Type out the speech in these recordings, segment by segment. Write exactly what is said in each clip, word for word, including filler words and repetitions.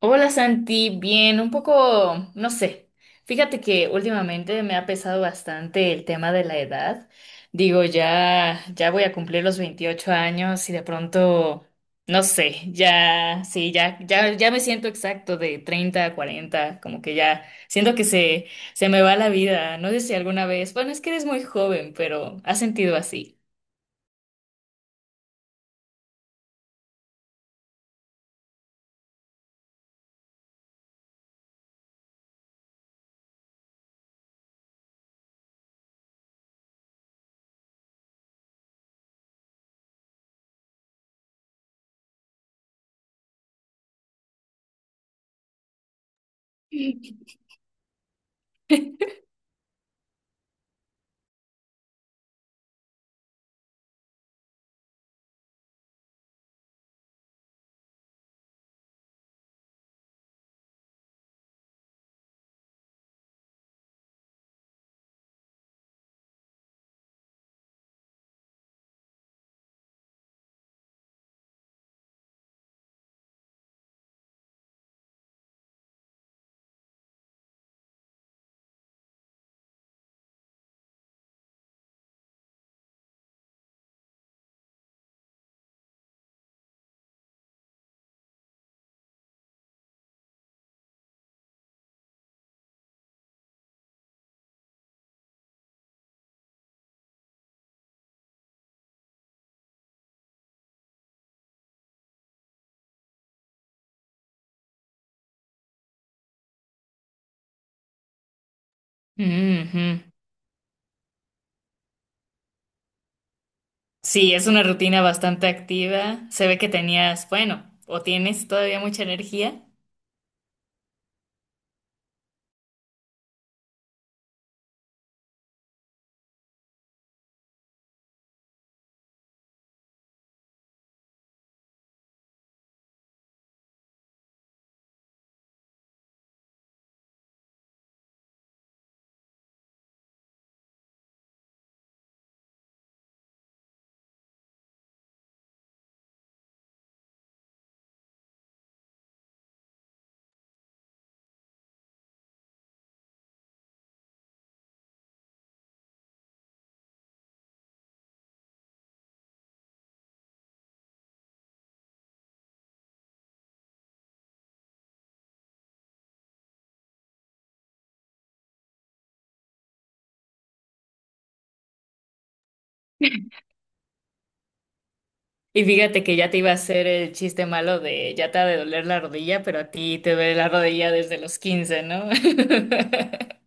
Hola Santi, bien, un poco, no sé. Fíjate que últimamente me ha pesado bastante el tema de la edad. Digo, ya, ya voy a cumplir los veintiocho años y de pronto, no sé, ya, sí, ya, ya, ya me siento exacto de treinta, a cuarenta, como que ya siento que se, se me va la vida. No sé si alguna vez, bueno, es que eres muy joven, pero ¿has sentido así? Ujú. Sí, es una rutina bastante activa. Se ve que tenías, bueno, o tienes todavía mucha energía. Y fíjate que ya te iba a hacer el chiste malo de ya te ha de doler la rodilla, pero a ti te duele la rodilla desde los quince, ¿no?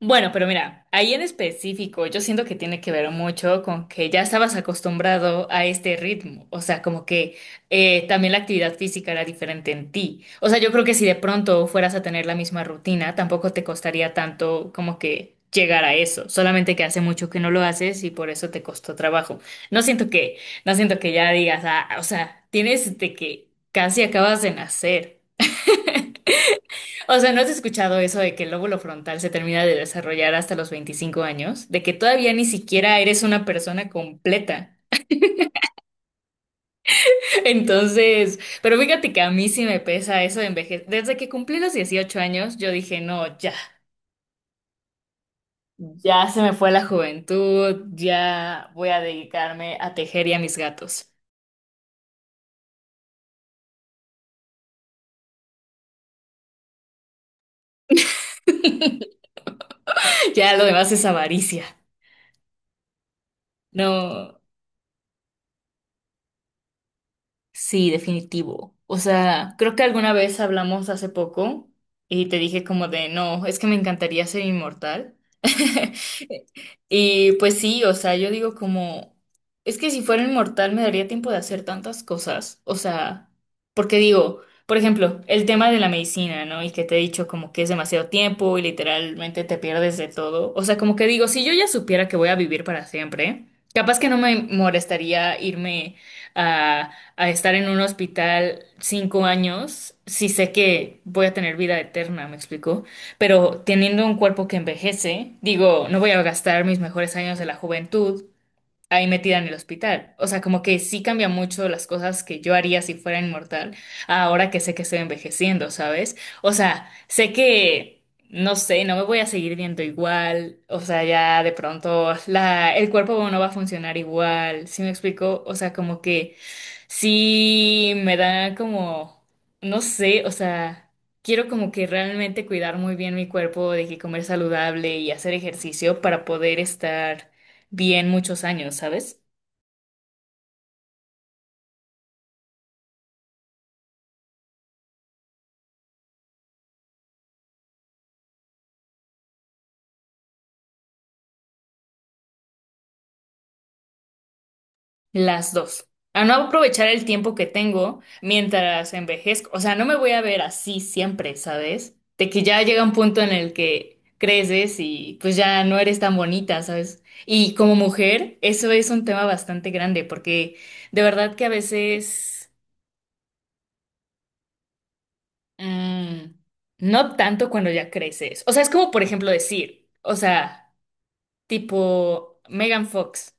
Bueno, pero mira, ahí en específico, yo siento que tiene que ver mucho con que ya estabas acostumbrado a este ritmo, o sea, como que eh, también la actividad física era diferente en ti. O sea, yo creo que si de pronto fueras a tener la misma rutina, tampoco te costaría tanto como que llegar a eso, solamente que hace mucho que no lo haces y por eso te costó trabajo. No siento que, no siento que ya digas, ah, o sea, tienes de que casi acabas de nacer. O sea, ¿no has escuchado eso de que el lóbulo frontal se termina de desarrollar hasta los veinticinco años? De que todavía ni siquiera eres una persona completa. Entonces, pero fíjate que a mí sí me pesa eso de envejecer. Desde que cumplí los dieciocho años, yo dije, no, ya, ya se me fue la juventud, ya voy a dedicarme a tejer y a mis gatos. Ya lo demás es avaricia. No. Sí, definitivo. O sea, creo que alguna vez hablamos hace poco y te dije como de, no, es que me encantaría ser inmortal. Y pues sí, o sea, yo digo como, es que si fuera inmortal me daría tiempo de hacer tantas cosas. O sea, porque digo, por ejemplo, el tema de la medicina, ¿no? Y que te he dicho como que es demasiado tiempo y literalmente te pierdes de todo. O sea, como que digo, si yo ya supiera que voy a vivir para siempre, capaz que no me molestaría irme a a estar en un hospital cinco años, sí sé que voy a tener vida eterna, me explico, pero teniendo un cuerpo que envejece, digo, no voy a gastar mis mejores años de la juventud ahí metida en el hospital. O sea, como que sí cambia mucho las cosas que yo haría si fuera inmortal, ahora que sé que estoy envejeciendo, ¿sabes? O sea, sé que, no sé, no me voy a seguir viendo igual, o sea, ya de pronto la, el cuerpo no va a funcionar igual, ¿sí me explico? O sea, como que sí me da como, no sé, o sea... Quiero como que realmente cuidar muy bien mi cuerpo, de que comer saludable y hacer ejercicio para poder estar bien muchos años, ¿sabes? Las dos. A no aprovechar el tiempo que tengo mientras envejezco. O sea, no me voy a ver así siempre, ¿sabes? De que ya llega un punto en el que creces y pues ya no eres tan bonita, ¿sabes? Y como mujer, eso es un tema bastante grande porque de verdad que a veces mm, no tanto cuando ya creces. O sea, es como por ejemplo decir, o sea, tipo Megan Fox.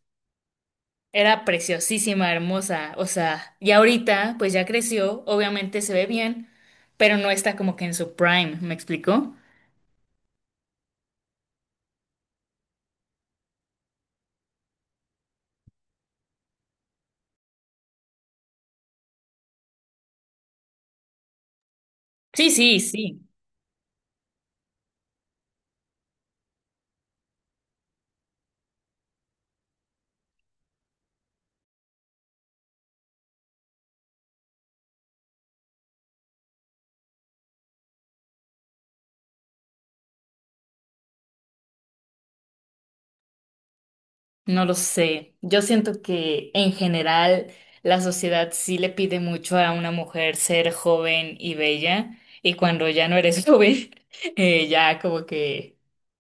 Era preciosísima, hermosa, o sea, y ahorita pues ya creció, obviamente se ve bien, pero no está como que en su prime, ¿me explicó? Sí, sí, sí. No lo sé. Yo siento que en general la sociedad sí le pide mucho a una mujer ser joven y bella y cuando ya no eres joven, eh, ya como que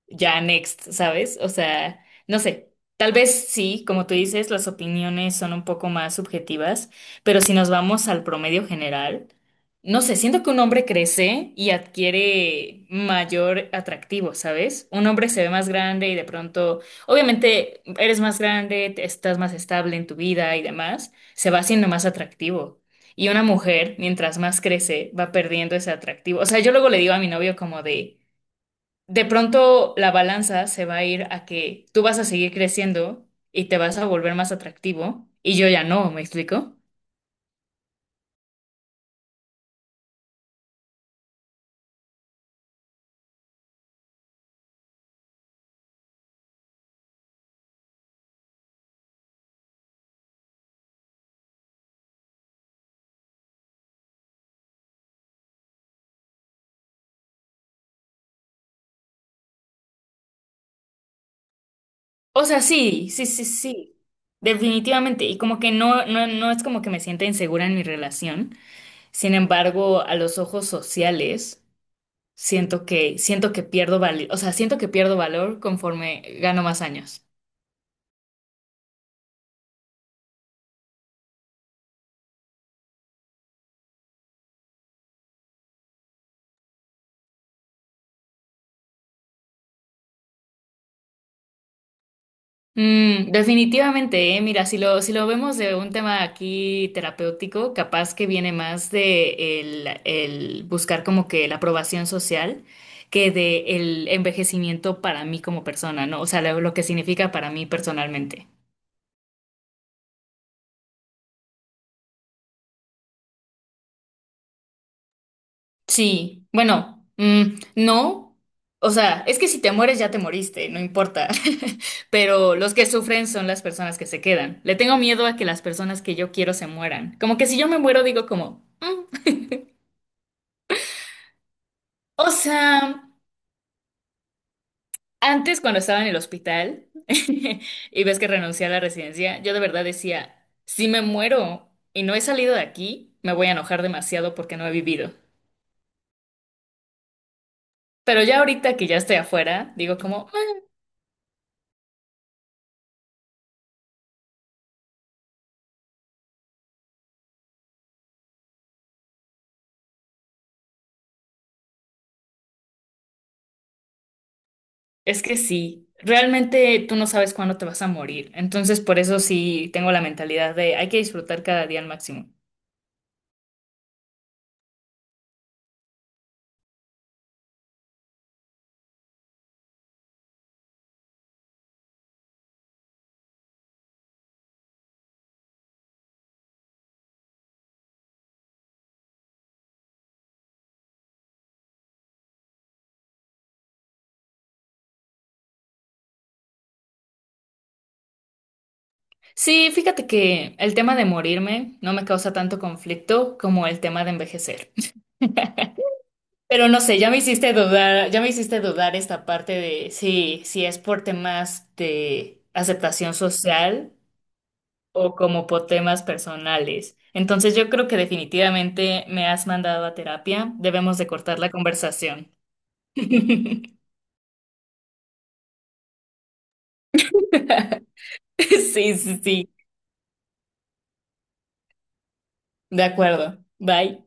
ya next, ¿sabes? O sea, no sé. Tal vez sí, como tú dices, las opiniones son un poco más subjetivas, pero si nos vamos al promedio general, no sé, siento que un hombre crece y adquiere mayor atractivo, ¿sabes? Un hombre se ve más grande y de pronto obviamente eres más grande, te- estás más estable en tu vida y demás, se va haciendo más atractivo. Y una mujer, mientras más crece, va perdiendo ese atractivo. O sea, yo luego le digo a mi novio como de, de pronto la balanza se va a ir a que tú vas a seguir creciendo y te vas a volver más atractivo y yo ya no, ¿me explico? O sea, sí, sí, sí, sí, definitivamente. Y como que no, no, no es como que me sienta insegura en mi relación. Sin embargo, a los ojos sociales, siento que, siento que pierdo valor, o sea, siento que pierdo valor conforme gano más años. Mm, definitivamente, eh, mira, si lo, si lo vemos de un tema aquí terapéutico, capaz que viene más de el, el buscar como que la aprobación social que de el envejecimiento para mí como persona, ¿no? O sea, lo, lo que significa para mí personalmente. Sí, bueno, mm, no, o sea, es que si te mueres ya te moriste, no importa, pero los que sufren son las personas que se quedan. Le tengo miedo a que las personas que yo quiero se mueran. Como que si yo me muero digo como, "Mm". O sea, antes cuando estaba en el hospital y ves que renuncié a la residencia, yo de verdad decía, si me muero y no he salido de aquí, me voy a enojar demasiado porque no he vivido. Pero ya ahorita que ya estoy afuera, digo como... Es que sí, realmente tú no sabes cuándo te vas a morir, entonces por eso sí tengo la mentalidad de hay que disfrutar cada día al máximo. Sí, fíjate que el tema de morirme no me causa tanto conflicto como el tema de envejecer. Pero no sé, ya me hiciste dudar, ya me hiciste dudar esta parte de si, si es por temas de aceptación social o como por temas personales. Entonces yo creo que definitivamente me has mandado a terapia, debemos de cortar la conversación. Sí, sí, sí. De acuerdo. Bye.